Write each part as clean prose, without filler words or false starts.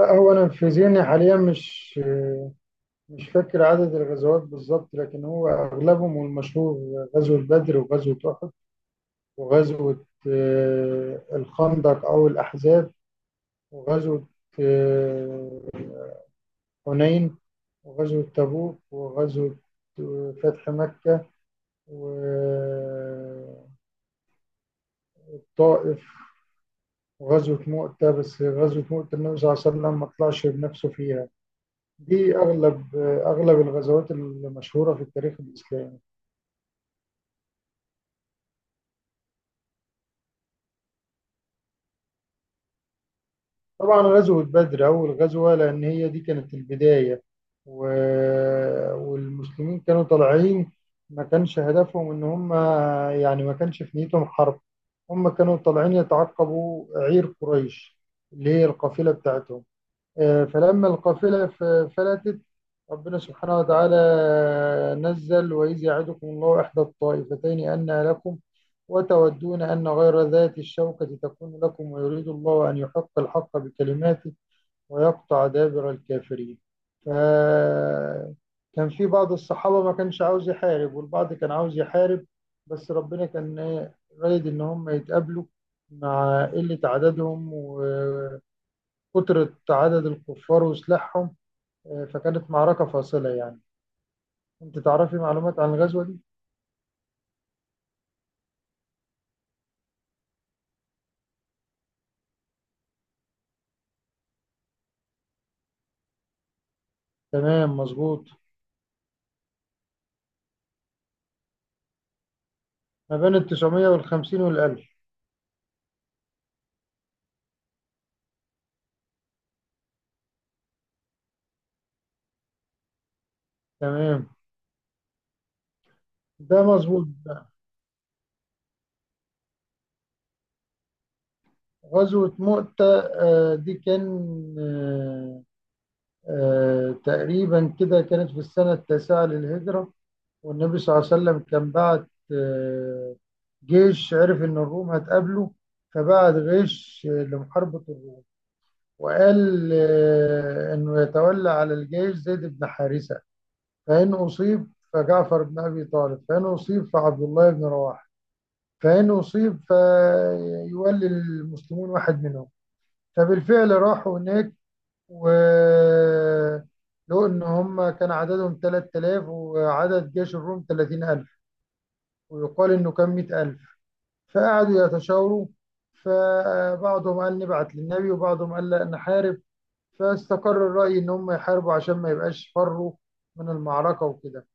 لا، هو انا في ذهني حاليا مش فاكر عدد الغزوات بالظبط، لكن هو اغلبهم والمشهور غزوة بدر وغزوة احد وغزوة الخندق او الاحزاب، وغزوة آه، حنين، وغزوة تبوك، وغزوة فتح مكة وطائف، وغزوة مؤتة. بس غزوة مؤتة النبي صلى الله عليه وسلم ما طلعش بنفسه فيها. دي اغلب اغلب الغزوات المشهورة في التاريخ الاسلامي. طبعا غزوة بدر أول غزوة، لأن هي دي كانت البداية. و... والمسلمين كانوا طالعين، ما كانش هدفهم إن هم، يعني ما كانش في نيتهم حرب. هم كانوا طالعين يتعقبوا عير قريش اللي هي القافلة بتاعتهم. فلما القافلة فلتت، ربنا سبحانه وتعالى نزل: وإذ يعدكم الله إحدى الطائفتين أنها لكم، وتودون أن غير ذات الشوكة تكون لكم، ويريد الله أن يحق الحق بكلماته ويقطع دابر الكافرين. فكان في بعض الصحابة ما كانش عاوز يحارب، والبعض كان عاوز يحارب. بس ربنا كان إيه، رايد إن هم يتقابلوا مع قلة عددهم و كثرة عدد الكفار وسلاحهم. فكانت معركة فاصلة يعني. أنت تعرفي معلومات عن الغزوة دي؟ تمام، مظبوط. ما بين التسعمية والخمسين والألف. تمام. ده مظبوط ده. غزوة مؤتة دي كان، آه، تقريبا كده كانت في السنة التاسعة للهجرة، والنبي صلى الله عليه وسلم كان بعت جيش. عرف إن الروم هتقابله، فبعت غيش لمحاربة الروم، وقال انه يتولى على الجيش زيد بن حارثه، فان اصيب فجعفر بن ابي طالب، فان اصيب فعبد الله بن رواحه، فان اصيب فيولي المسلمون واحد منهم. فبالفعل راحوا هناك، و لو ان هم كان عددهم 3000 وعدد جيش الروم 30000، ويقال انه كان 100000. فقعدوا يتشاوروا، فبعضهم قال نبعت للنبي وبعضهم قال لا نحارب، فاستقر الرأي إن هم يحاربوا عشان ما يبقاش فروا من المعركة وكده.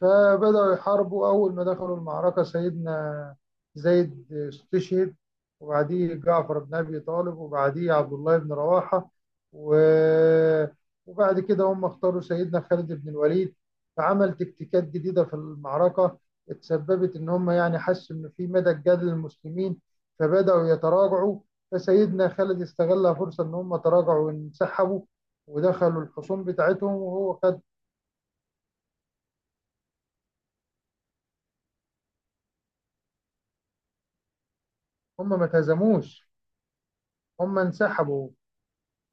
فبدأوا يحاربوا، أول ما دخلوا المعركة سيدنا زيد استشهد، وبعديه جعفر بن أبي طالب، وبعديه عبد الله بن رواحة. و- وبعد كده هم اختاروا سيدنا خالد بن الوليد، فعمل تكتيكات جديدة في المعركة اتسببت إن هم يعني حسوا إن في مدى الجدل للمسلمين، فبدأوا يتراجعوا. فسيدنا خالد استغل فرصة إن هم تراجعوا وانسحبوا ودخلوا الحصون بتاعتهم، وهو خد. هم ما تهزموش، هم انسحبوا.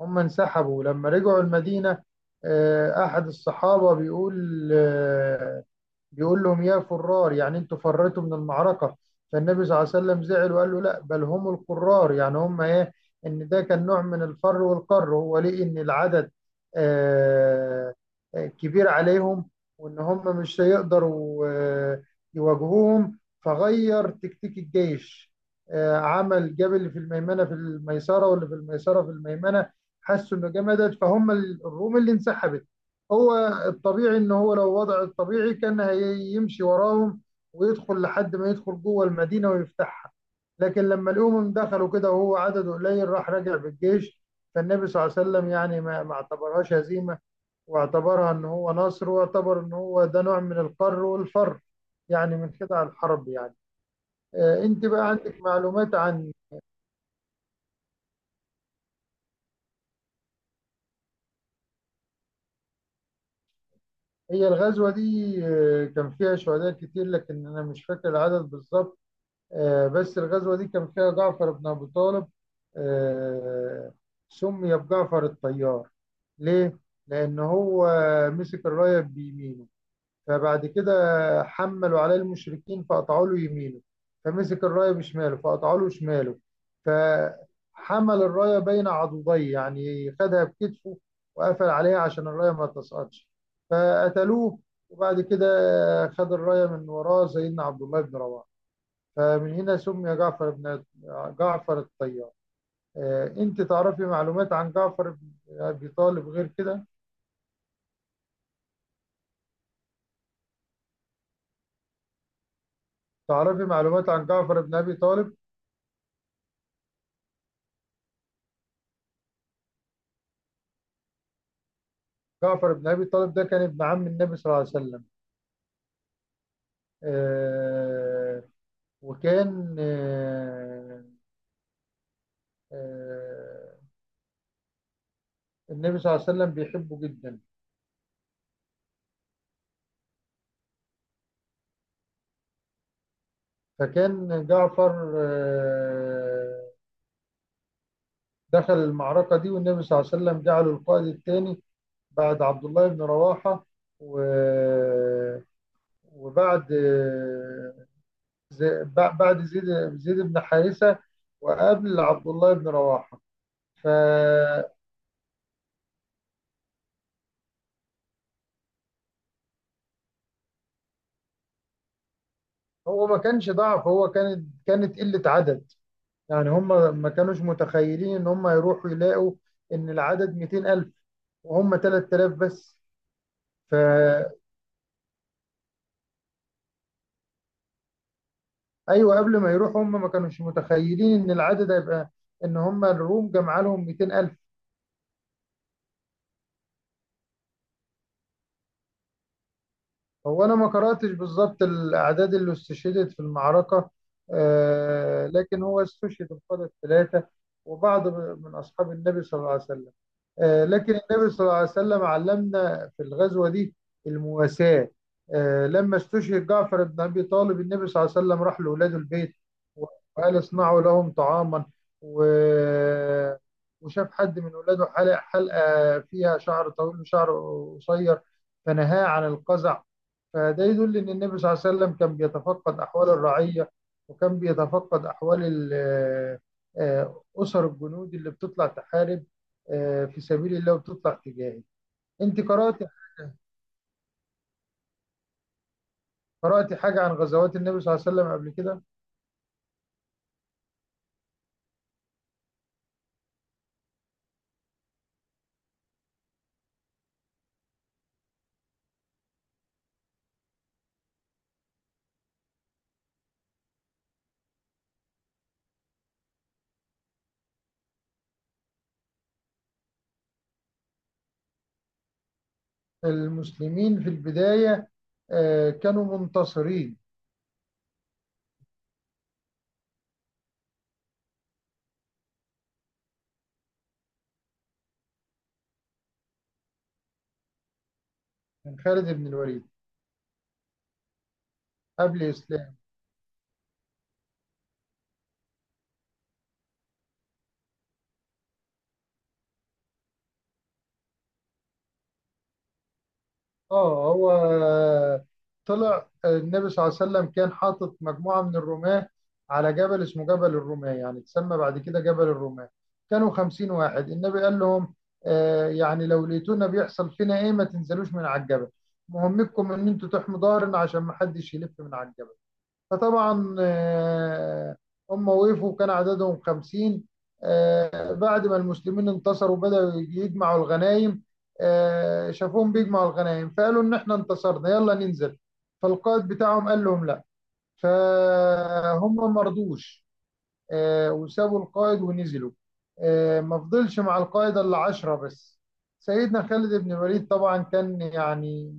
هم انسحبوا لما رجعوا المدينة. أحد الصحابة بيقول بيقول لهم يا فرار، يعني انتوا فريتوا من المعركة. فالنبي صلى الله عليه وسلم زعل وقال له لا، بل هم القرار، يعني هم ايه، ان ده كان نوع من الفر والقر. هو ليه؟ ان العدد آه، كبير عليهم، وان هم مش هيقدروا يواجهوهم. فغير تكتيك الجيش، عمل جاب اللي في الميمنة في الميسرة واللي في الميسرة في الميمنة. حسوا انه جمدت، فهم الروم اللي انسحبت. هو الطبيعي ان هو لو وضع الطبيعي كان هيمشي وراهم ويدخل لحد ما يدخل جوه المدينه ويفتحها. لكن لما الامم دخلوا كده وهو عدد قليل، راح راجع بالجيش. فالنبي صلى الله عليه وسلم يعني ما اعتبرهاش هزيمه، واعتبرها ان هو نصر، واعتبر ان هو ده نوع من القر والفر، يعني من خدع الحرب يعني. انت بقى عندك معلومات عن هي الغزوه دي؟ كان فيها شهداء كتير، لكن انا مش فاكر العدد بالظبط. بس الغزوة دي كان فيها جعفر بن أبي طالب. آه، سمي بجعفر الطيار. ليه؟ لأن هو مسك الراية بيمينه، فبعد كده حملوا عليه المشركين فقطعوا له يمينه، فمسك الراية بشماله فقطعوا له شماله، فحمل الراية بين عضديه يعني خدها بكتفه وقفل عليها عشان الراية ما تسقطش، فقتلوه. وبعد كده خد الراية من وراه سيدنا عبد الله بن رواحة. فمن هنا سمي جعفر الطيار. انت تعرفي معلومات عن جعفر بن ابي طالب غير كده؟ تعرفي معلومات عن جعفر بن ابي طالب؟ جعفر بن ابي طالب ده كان ابن عم النبي صلى الله عليه وسلم. آه، وكان آه، النبي صلى الله عليه وسلم بيحبه جدا. فكان جعفر آه، دخل المعركة دي، والنبي صلى الله عليه وسلم جعله القائد الثاني بعد عبد الله بن رواحة، و... وبعد بعد زيد بن حارثة، وقبل عبد الله بن رواحة. فهو ما كانش ضعف، هو كانت قلة عدد. يعني هم ما كانوش متخيلين ان هم يروحوا يلاقوا ان العدد 200000 وهم 3000 بس. ف... ايوه، قبل ما يروحوا هم ما كانوش متخيلين ان العدد هيبقى، ان هم الروم جمع لهم 200,000. هو أنا ما قرأتش بالظبط الأعداد اللي استشهدت في المعركة، لكن هو استشهد القادة الثلاثة وبعض من أصحاب النبي صلى الله عليه وسلم. لكن النبي صلى الله عليه وسلم علمنا في الغزوة دي المواساة. لما استشهد جعفر بن أبي طالب، النبي صلى الله عليه وسلم راح لأولاد البيت وقال اصنعوا لهم طعاما. و- وشاف حد من ولاده حلق حلقة فيها شعر طويل وشعر قصير، فنهاه عن القزع. فده يدل ان النبي صلى الله عليه وسلم كان بيتفقد احوال الرعيه، وكان بيتفقد احوال اسر الجنود اللي بتطلع تحارب في سبيل الله وبتطلع تجاهي. انت قرات، قرات حاجه عن غزوات النبي صلى الله عليه وسلم قبل كده؟ المسلمين في البدايه كانوا منتصرين. من خالد بن الوليد. قبل اسلام. اه، هو طلع النبي صلى الله عليه وسلم كان حاطط مجموعة من الرماة على جبل اسمه جبل الرماة، يعني اتسمى بعد كده جبل الرماة. كانوا خمسين واحد، النبي قال لهم آه، يعني لو لقيتونا بيحصل فينا ايه ما تنزلوش من على الجبل، مهمتكم ان انتوا تحموا ظهرنا عشان ما حدش يلف من على الجبل. فطبعا هم وقفوا، كان عددهم خمسين. بعد ما المسلمين انتصروا بدأوا يجمعوا الغنائم. شافوهم بيجمعوا الغنائم، فقالوا إن إحنا انتصرنا يلا ننزل. فالقائد بتاعهم قال لهم لا، فهم ما رضوش. وسابوا القائد ونزلوا. ما فضلش مع القائد إلا عشرة بس. سيدنا خالد بن الوليد طبعا كان يعني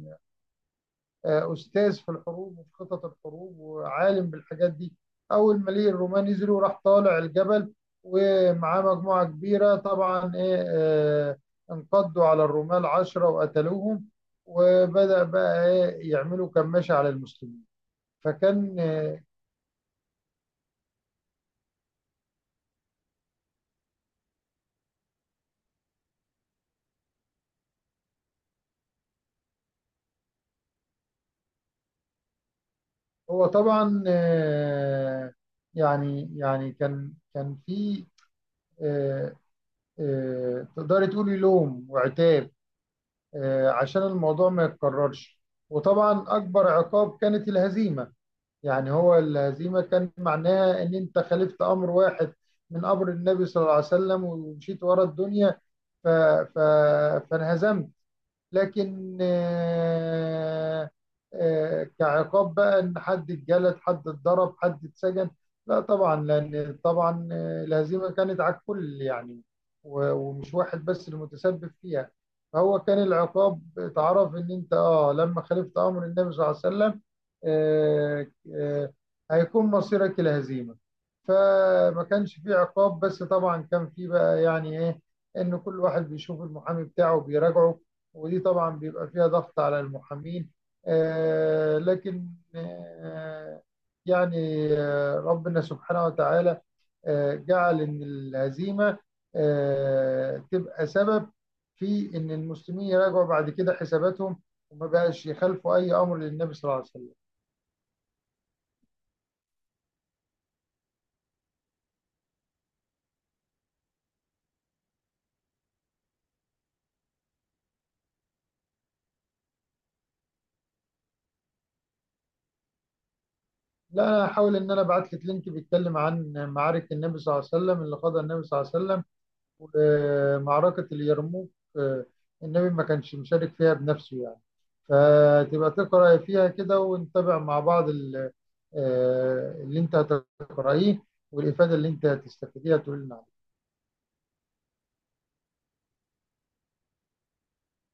أستاذ في الحروب وفي خطط الحروب وعالم بالحاجات دي. أول ما ليه الرومان نزلوا راح طالع الجبل ومعاه مجموعة كبيرة طبعا، إيه، انقضوا على الرمال عشرة وقتلوهم. وبدأ بقى إيه يعملوا كماشة على المسلمين. فكان هو طبعا يعني كان في آه، تقدري تقولي لوم وعتاب، عشان الموضوع ما يتكررش. وطبعا أكبر عقاب كانت الهزيمة. يعني هو الهزيمة كان معناها إن أنت خالفت أمر واحد من أمر النبي صلى الله عليه وسلم ومشيت ورا الدنيا، ف... ف... فانهزمت. لكن كعقاب بقى ان حد اتجلد حد اتضرب حد اتسجن، لا طبعا، لان طبعا الهزيمه كانت على الكل يعني، ومش واحد بس المتسبب فيها. فهو كان العقاب اتعرف ان انت اه لما خالفت امر النبي صلى الله عليه وسلم آه، آه، هيكون مصيرك الهزيمه. فما كانش في عقاب، بس طبعا كان في بقى يعني ايه، ان كل واحد بيشوف المحامي بتاعه بيراجعه. ودي طبعا بيبقى فيها ضغط على المحامين. لكن آه، يعني ربنا سبحانه وتعالى جعل إن الهزيمة تبقى سبب في إن المسلمين يراجعوا بعد كده حساباتهم، وما بقاش يخالفوا أي أمر للنبي صلى الله عليه وسلم. لا أنا هحاول إن أنا أبعت لك لينك بيتكلم عن معارك النبي صلى الله عليه وسلم اللي قادها النبي صلى الله عليه وسلم. ومعركة اليرموك آه، النبي ما كانش مشارك فيها بنفسه يعني. فتبقى تقرأ فيها كده ونتابع مع بعض اللي انت هتقرأيه، والإفادة اللي انت هتستفيديها تقول لنا.